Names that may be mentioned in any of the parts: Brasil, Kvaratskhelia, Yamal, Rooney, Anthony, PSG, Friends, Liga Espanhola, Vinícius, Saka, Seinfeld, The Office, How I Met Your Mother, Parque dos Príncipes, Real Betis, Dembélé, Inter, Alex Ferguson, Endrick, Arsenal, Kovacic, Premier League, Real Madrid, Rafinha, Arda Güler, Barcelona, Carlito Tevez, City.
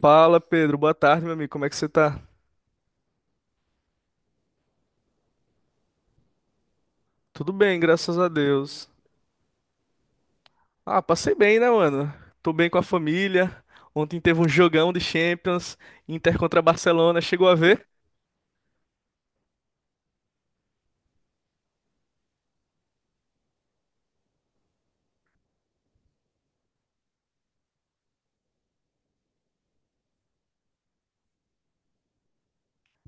Fala, Pedro. Boa tarde, meu amigo. Como é que você tá? Tudo bem, graças a Deus. Ah, passei bem, né, mano? Tô bem com a família. Ontem teve um jogão de Champions, Inter contra Barcelona. Chegou a ver?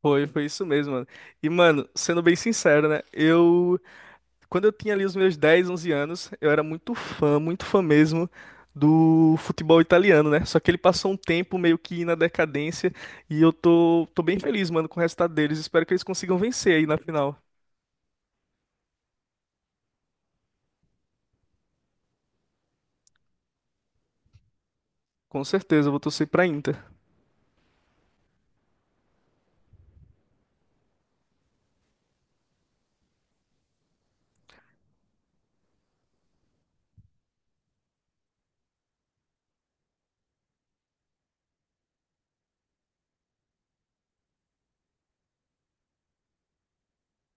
Foi isso mesmo, mano. E, mano, sendo bem sincero, né? Eu, quando eu tinha ali os meus 10, 11 anos, eu era muito fã mesmo do futebol italiano, né? Só que ele passou um tempo meio que na decadência e eu tô bem feliz, mano, com o resultado deles. Espero que eles consigam vencer aí na final. Com certeza, eu vou torcer pra Inter.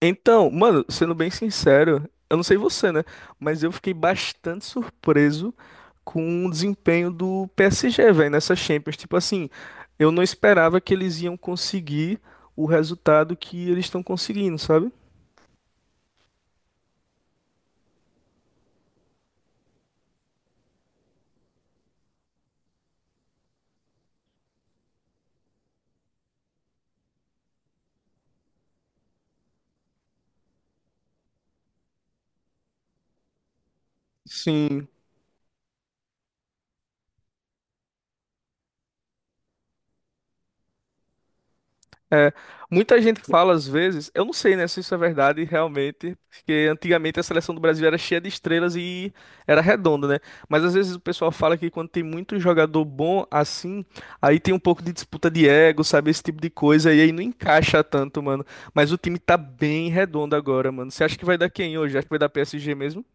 Então, mano, sendo bem sincero, eu não sei você, né? Mas eu fiquei bastante surpreso com o desempenho do PSG, velho, nessa Champions. Tipo assim, eu não esperava que eles iam conseguir o resultado que eles estão conseguindo, sabe? Sim. É, muita gente fala às vezes, eu não sei, né, se isso é verdade realmente, porque antigamente a seleção do Brasil era cheia de estrelas e era redonda, né? Mas às vezes o pessoal fala que quando tem muito jogador bom assim, aí tem um pouco de disputa de ego, sabe, esse tipo de coisa, e aí não encaixa tanto, mano. Mas o time tá bem redondo agora, mano. Você acha que vai dar quem hoje? Acha que vai dar PSG mesmo?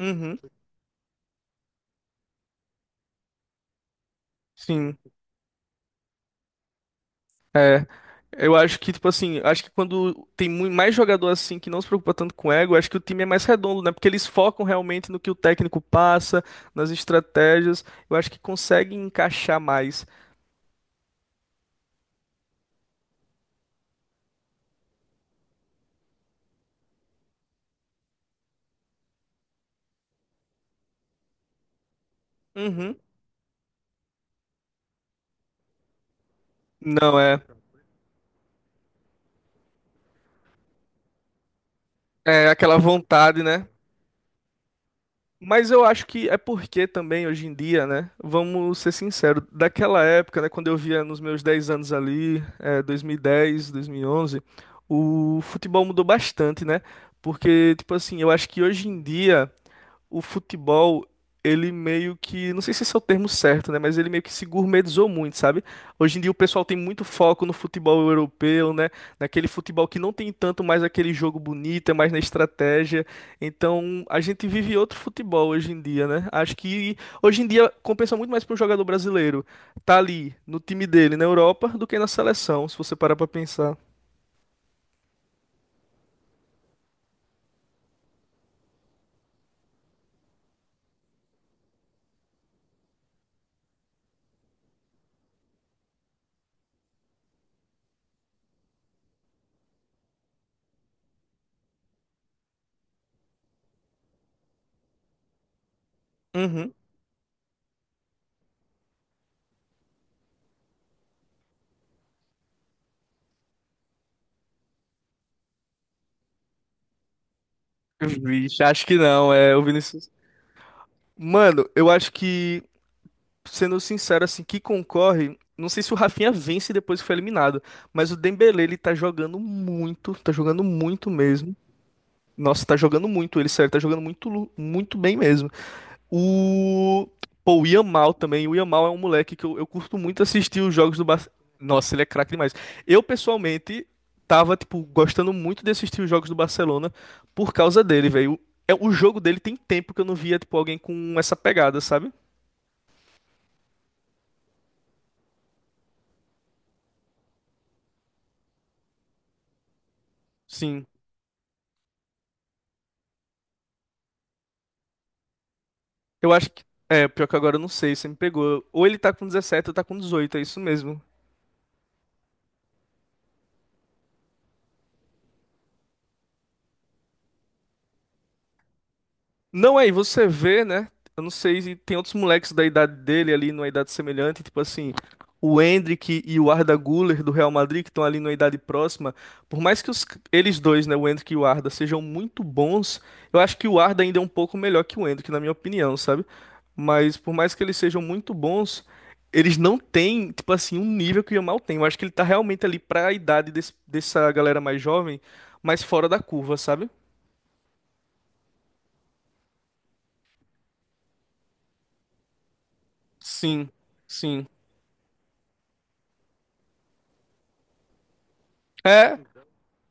Uhum, sim. É, eu acho que, tipo assim, acho que quando tem mais jogador assim que não se preocupa tanto com ego, acho que o time é mais redondo, né? Porque eles focam realmente no que o técnico passa, nas estratégias. Eu acho que conseguem encaixar mais. Uhum. Não é. É aquela vontade, né? Mas eu acho que é porque também hoje em dia, né? Vamos ser sinceros, daquela época, né? Quando eu via nos meus 10 anos ali, 2010, 2011, o futebol mudou bastante, né? Porque, tipo assim, eu acho que hoje em dia, o futebol, ele meio que, não sei se esse é o termo certo, né, mas ele meio que se gourmetizou muito, sabe? Hoje em dia o pessoal tem muito foco no futebol europeu, né, naquele futebol que não tem tanto mais aquele jogo bonito, é mais na estratégia. Então, a gente vive outro futebol hoje em dia, né? Acho que hoje em dia compensa muito mais para um jogador brasileiro tá ali no time dele na Europa do que na seleção, se você parar para pensar. Uhum. Vixe, acho que não, é o Vinícius. Mano, eu acho que sendo sincero, assim, que concorre. Não sei se o Rafinha vence depois que foi eliminado, mas o Dembélé, ele tá jogando muito mesmo. Nossa, tá jogando muito, ele, sério, tá jogando muito, muito bem mesmo. O. Pô, o Yamal também. O Yamal é um moleque que eu curto muito assistir os jogos do Barça. Nossa, ele é craque demais. Eu, pessoalmente, tava, tipo, gostando muito de assistir os jogos do Barcelona por causa dele, velho. É, o jogo dele tem tempo que eu não via, tipo, alguém com essa pegada, sabe? Sim. Eu acho que. É, pior que agora eu não sei, você me pegou. Ou ele tá com 17 ou tá com 18, é isso mesmo. Não, aí você vê, né? Eu não sei se tem outros moleques da idade dele ali, numa idade semelhante, tipo assim, o Endrick e o Arda Güler do Real Madrid, que estão ali numa idade próxima. Por mais que eles dois, né, o Endrick e o Arda, sejam muito bons, eu acho que o Arda ainda é um pouco melhor que o Endrick, na minha opinião, sabe? Mas por mais que eles sejam muito bons, eles não têm, tipo assim, um nível que o Yamal tem. Eu acho que ele tá realmente ali pra idade dessa galera mais jovem, mas fora da curva, sabe? Sim, sim. É,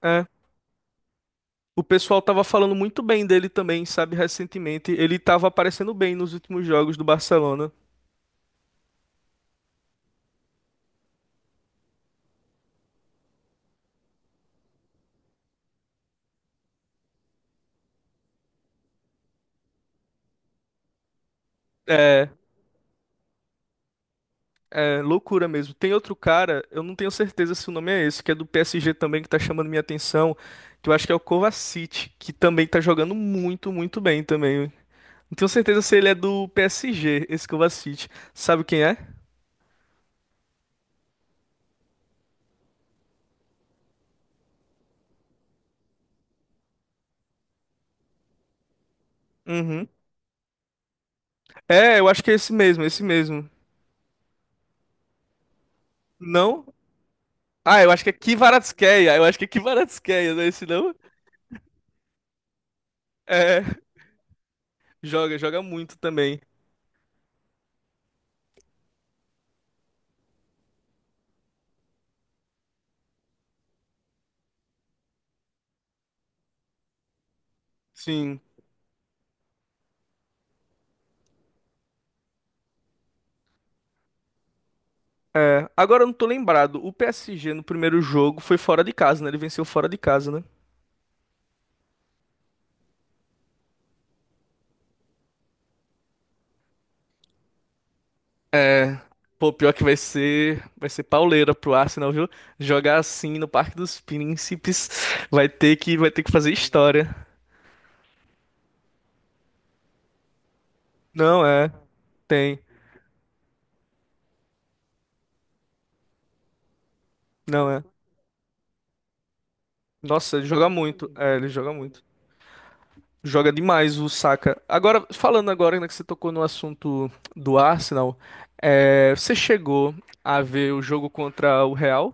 é, o pessoal tava falando muito bem dele também, sabe, recentemente. Ele tava aparecendo bem nos últimos jogos do Barcelona. É, é loucura mesmo. Tem outro cara, eu não tenho certeza se o nome é esse, que é do PSG também, que tá chamando minha atenção, que eu acho que é o Kovacic, que também tá jogando muito, muito bem também. Não tenho certeza se ele é do PSG, esse Kovacic. Sabe quem é? Uhum. É, eu acho que é esse mesmo, esse mesmo. Não? Ah, eu acho que é Kvaratskhelia. Eu acho que é Kvaratskhelia, não é esse não? É. Joga muito também. Sim. É. Agora eu não tô lembrado. O PSG no primeiro jogo foi fora de casa, né? Ele venceu fora de casa, né? Pô, pior que vai ser pauleira pro Arsenal, viu? Jogar assim no Parque dos Príncipes vai ter que fazer história. Não é, tem. Não é. Nossa, ele joga muito. É, ele joga muito. Joga demais o Saka. Agora, falando agora, né, que você tocou no assunto do Arsenal, é, você chegou a ver o jogo contra o Real?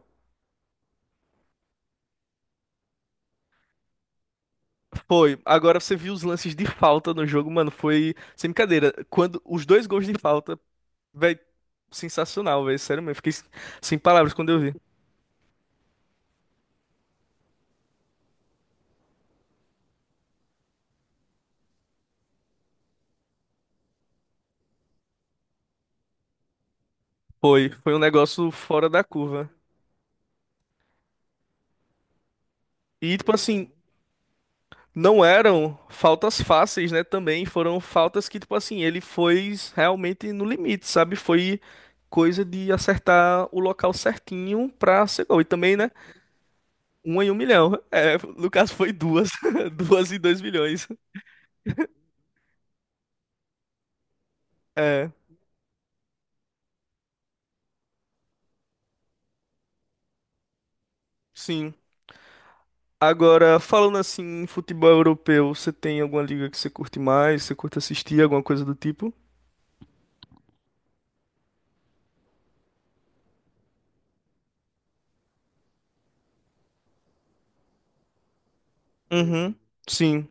Foi. Agora você viu os lances de falta no jogo, mano. Foi sem brincadeira. Quando os dois gols de falta, velho, sensacional, velho. Sério mesmo. Fiquei sem palavras quando eu vi. Foi. Foi um negócio fora da curva. E, tipo assim, não eram faltas fáceis, né? Também foram faltas que, tipo assim, ele foi realmente no limite, sabe? Foi coisa de acertar o local certinho pra ser gol. E também, né? Um em um milhão. É, no caso foi duas. Duas em 2 milhões. É, sim. Agora, falando assim, em futebol europeu, você tem alguma liga que você curte mais? Você curte assistir, alguma coisa do tipo? Uhum. Sim,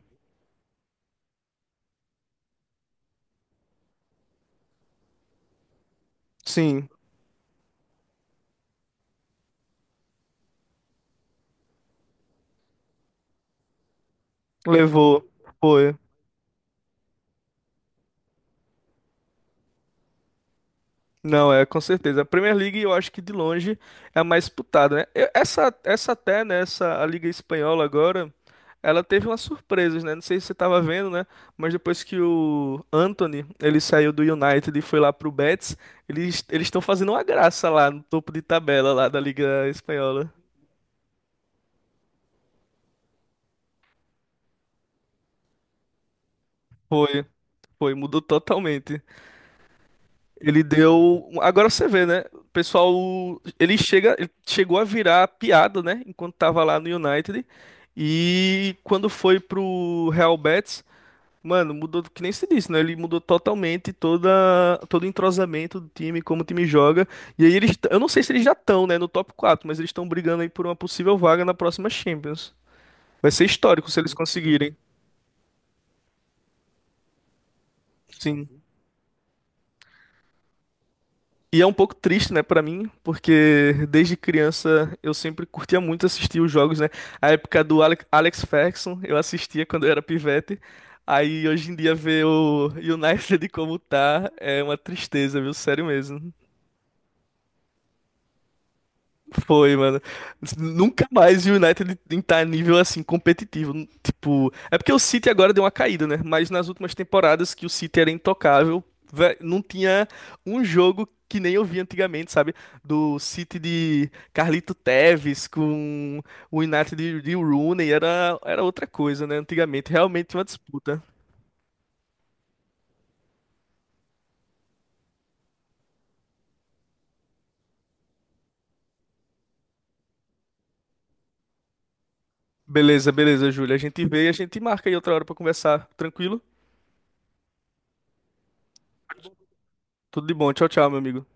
sim. Levou. Foi. Não, é, com certeza. A Premier League, eu acho que de longe é a mais disputada, né? Essa, essa até, né? Essa, a Liga Espanhola agora, ela teve umas surpresas, né? Não sei se você tava vendo, né? Mas depois que o Anthony, ele saiu do United e foi lá pro Betis, eles estão fazendo uma graça lá no topo de tabela lá da Liga Espanhola. Foi. Foi, mudou totalmente. Agora você vê, né? O pessoal. Ele chegou a virar piada, né? Enquanto tava lá no United. E quando foi pro Real Betis, mano, mudou, que nem se disse, né? Ele mudou totalmente todo o entrosamento do time, como o time joga. E aí eles. Eu não sei se eles já estão, né? No top 4, mas eles estão brigando aí por uma possível vaga na próxima Champions. Vai ser histórico se eles conseguirem. Sim. E é um pouco triste, né, pra mim, porque desde criança eu sempre curtia muito assistir os jogos, né? A época do Alex Ferguson, eu assistia quando eu era pivete. Aí hoje em dia ver o United como tá é uma tristeza, viu? Sério mesmo. Foi, mano. Nunca mais o United tá nível assim competitivo. Tipo, é porque o City agora deu uma caída, né? Mas nas últimas temporadas que o City era intocável, não tinha um jogo que nem eu vi antigamente, sabe? Do City de Carlito Tevez com o United de Rooney, era outra coisa, né? Antigamente, realmente uma disputa. Beleza, beleza, Júlia. A gente vê e a gente marca aí outra hora pra conversar. Tranquilo? Tudo de bom. Tchau, tchau, meu amigo.